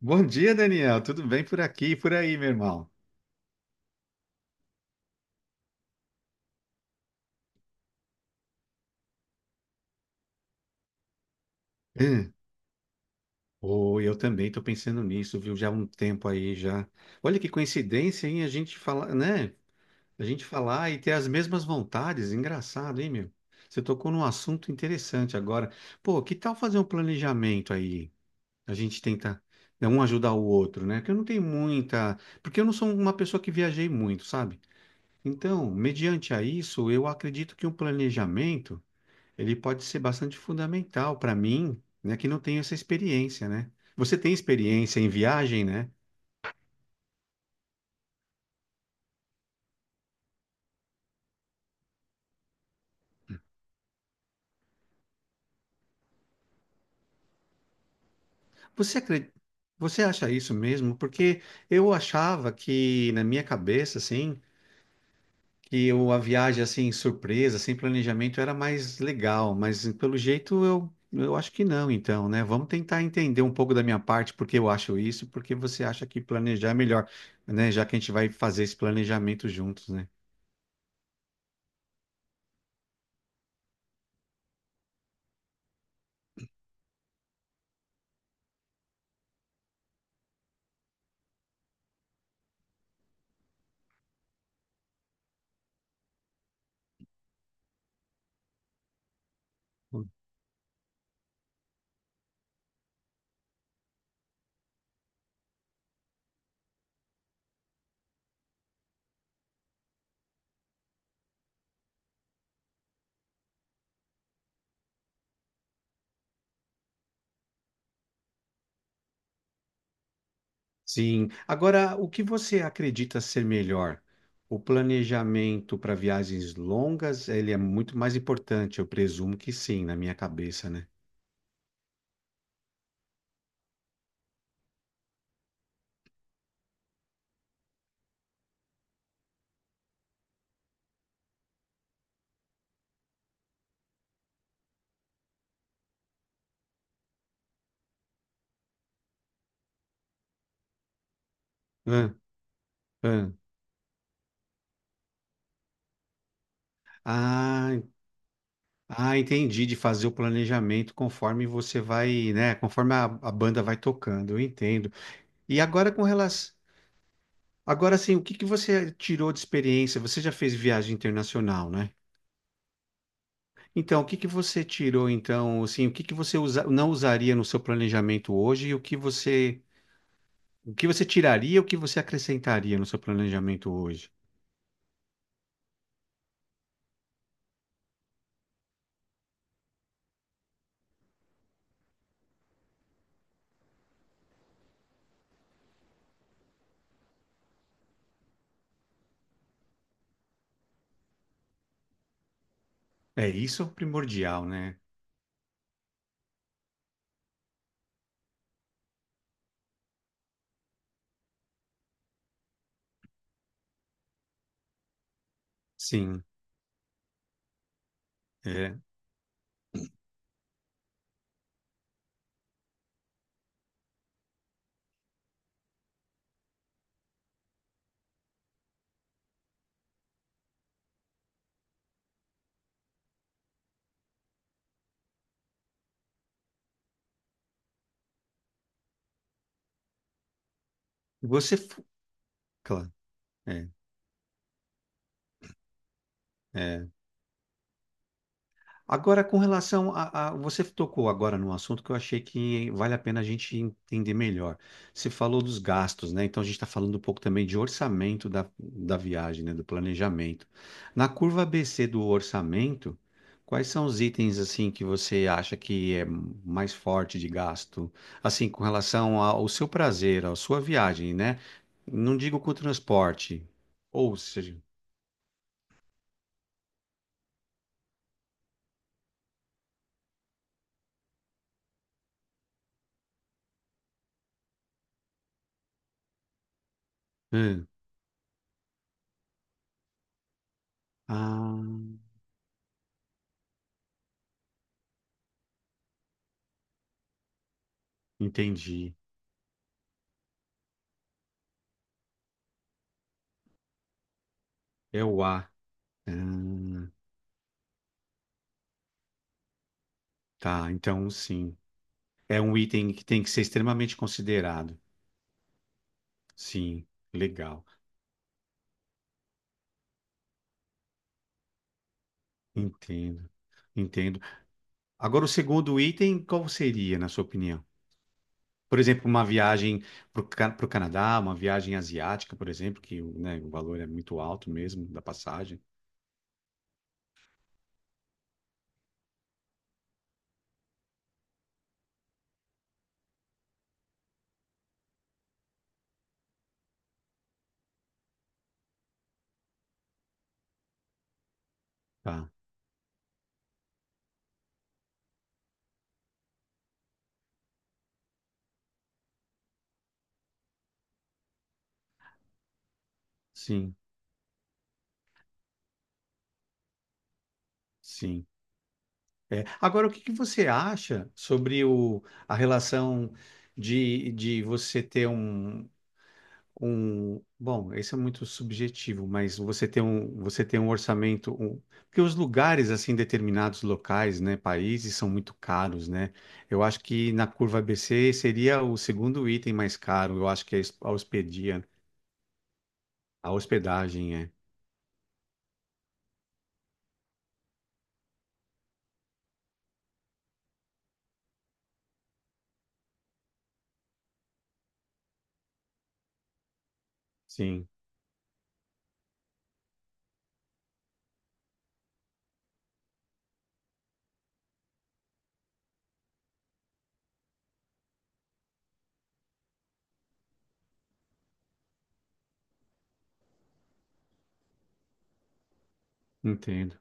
Bom dia, Daniel. Tudo bem por aqui e por aí, meu irmão? Hum. Oh, eu também estou pensando nisso, viu? Já há um tempo aí já. Olha que coincidência, hein? A gente falar, né? A gente falar e ter as mesmas vontades. Engraçado, hein, meu? Você tocou num assunto interessante agora. Pô, que tal fazer um planejamento aí? A gente tenta, né, um ajudar o outro, né? Que eu não tenho muita, porque eu não sou uma pessoa que viajei muito, sabe? Então, mediante a isso, eu acredito que um planejamento ele pode ser bastante fundamental para mim, né, que não tenho essa experiência, né? Você tem experiência em viagem, né? Você acre- Você acha isso mesmo? Porque eu achava que na minha cabeça, assim, que eu, a viagem assim surpresa, sem planejamento era mais legal, mas pelo jeito eu acho que não, então, né? Vamos tentar entender um pouco da minha parte porque eu acho isso, porque você acha que planejar é melhor, né? Já que a gente vai fazer esse planejamento juntos, né? Sim. Agora, o que você acredita ser melhor? O planejamento para viagens longas, ele é muito mais importante, eu presumo que sim, na minha cabeça, né? Hã? Hã? Ah, en- ah, entendi, de fazer o planejamento conforme você vai, né? Conforme a banda vai tocando, eu entendo. E agora com relação, agora sim, o que que você tirou de experiência? Você já fez viagem internacional, né? Então, o que que você tirou, então, assim, o que que você não usaria no seu planejamento hoje e o que você tiraria e o que você acrescentaria no seu planejamento hoje? É, isso é o primordial, né? Sim, é. Você, f- claro, é. É. Agora, com relação Você tocou agora num assunto que eu achei que vale a pena a gente entender melhor. Você falou dos gastos, né? Então, a gente está falando um pouco também de orçamento da viagem, né? Do planejamento. Na curva ABC do orçamento, quais são os itens, assim, que você acha que é mais forte de gasto? Assim, com relação ao seu prazer, à sua viagem, né? Não digo com o transporte. Ou seja... hum, Ah, entendi. É o A. Ah, tá, então sim. É um item que tem que ser extremamente considerado. Sim, legal. Entendo, entendo. Agora, o segundo item, qual seria, na sua opinião? Por exemplo, uma viagem para o Canadá, uma viagem asiática, por exemplo, que né, o valor é muito alto mesmo da passagem. Tá, sim, sim. É. Agora, o que que você acha sobre o, a relação de você ter um. Um, bom, isso é muito subjetivo, mas você tem um orçamento, porque os lugares assim, determinados locais, né, países são muito caros, né? Eu acho que na curva ABC seria o segundo item mais caro, eu acho que a hospedia, a hospedagem é. Sim, entendo.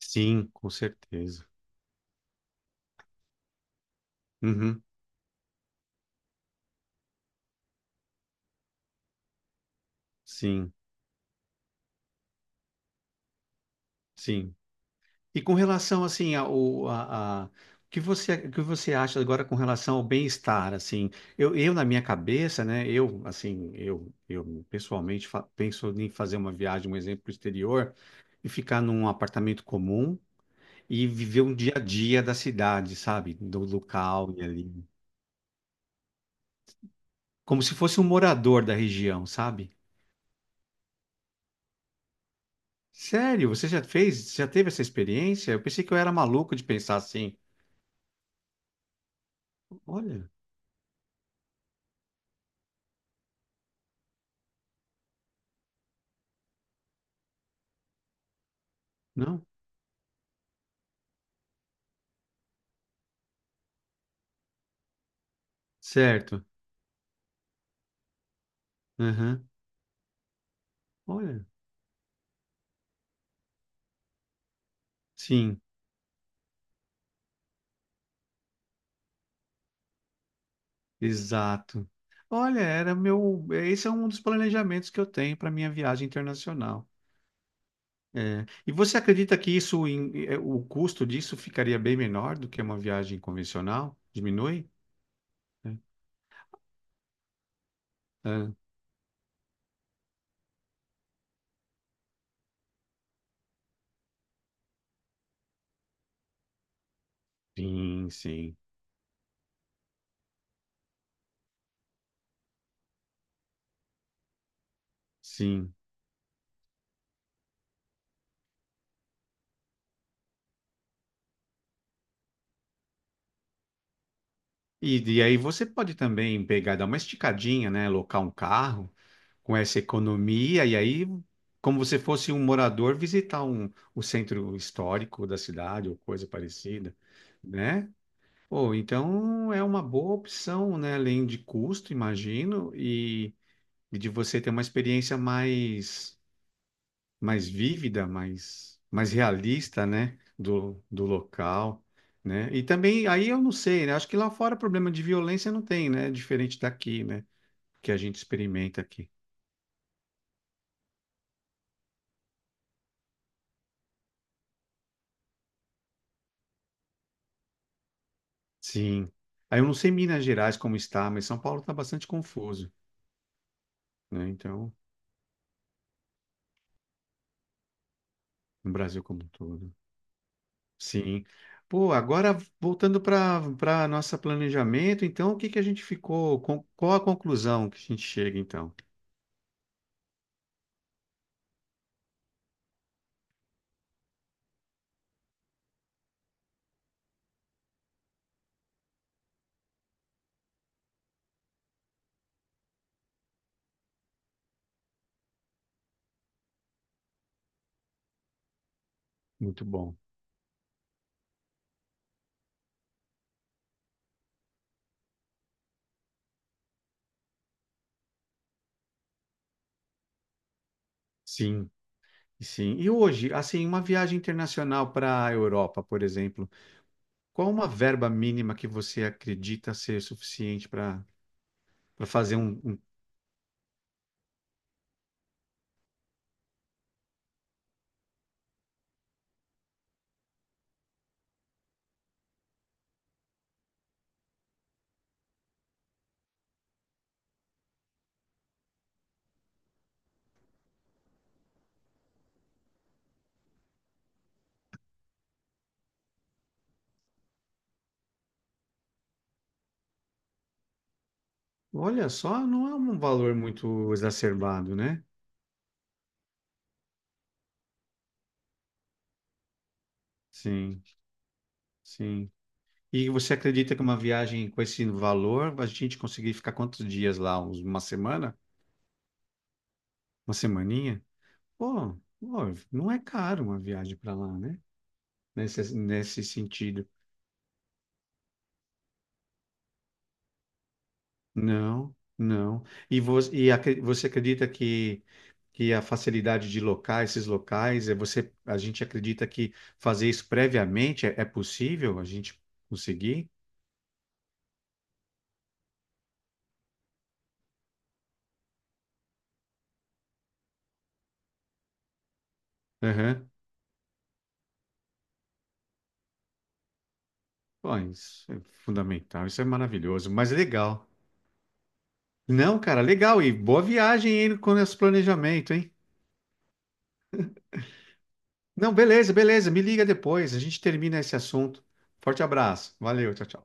Sim, com certeza. Uhum, sim, sim. E com relação assim ao o que você acha agora com relação ao bem-estar assim eu na minha cabeça né eu assim eu pessoalmente penso em fazer uma viagem um exemplo pro exterior e ficar num apartamento comum e viver um dia a dia da cidade sabe do local e ali como se fosse um morador da região sabe sério você já fez já teve essa experiência eu pensei que eu era maluco de pensar assim olha não certo. Aham. Olha. Sim, exato. Olha, era meu. Esse é um dos planejamentos que eu tenho para minha viagem internacional. É, E você acredita que isso, o custo disso ficaria bem menor do que uma viagem convencional? Diminui? É. Ah, Sim, sim, sim. E aí você pode também pegar, dar uma esticadinha, né? Alocar um carro com essa economia e aí, como você fosse um morador, visitar um, o centro histórico da cidade ou coisa parecida, né? Pô, então é uma boa opção, né? Além de custo, imagino, e de você ter uma experiência mais, mais vívida, mais, mais realista, né? Do local, né? E também, aí eu não sei, né? Acho que lá fora problema de violência não tem, né? Diferente daqui, né? Que a gente experimenta aqui. Sim. Aí eu não sei Minas Gerais como está, mas São Paulo está bastante confuso, né? Então, no Brasil como um todo. Sim. Pô, agora voltando para nosso planejamento, então o que que a gente ficou, qual a conclusão que a gente chega então? Muito bom. Sim, sim. E hoje, assim, uma viagem internacional para a Europa, por exemplo, qual uma verba mínima que você acredita ser suficiente para para fazer Olha só, não é um valor muito exacerbado, né? Sim, sim. E você acredita que uma viagem com esse valor, a gente conseguir ficar quantos dias lá? Uma semana? Uma semaninha? Pô, pô, não é caro uma viagem para lá, né? Nesse, nesse sentido. Não, não. Você acredita que a facilidade de locais, esses locais, é você, a gente acredita que fazer isso previamente é, é possível a gente conseguir? Aham. Pô, isso é fundamental, isso é maravilhoso, mas legal. Não, cara, legal. E boa viagem aí com esse planejamento, hein? Não, beleza, beleza. Me liga depois. A gente termina esse assunto. Forte abraço. Valeu, tchau, tchau.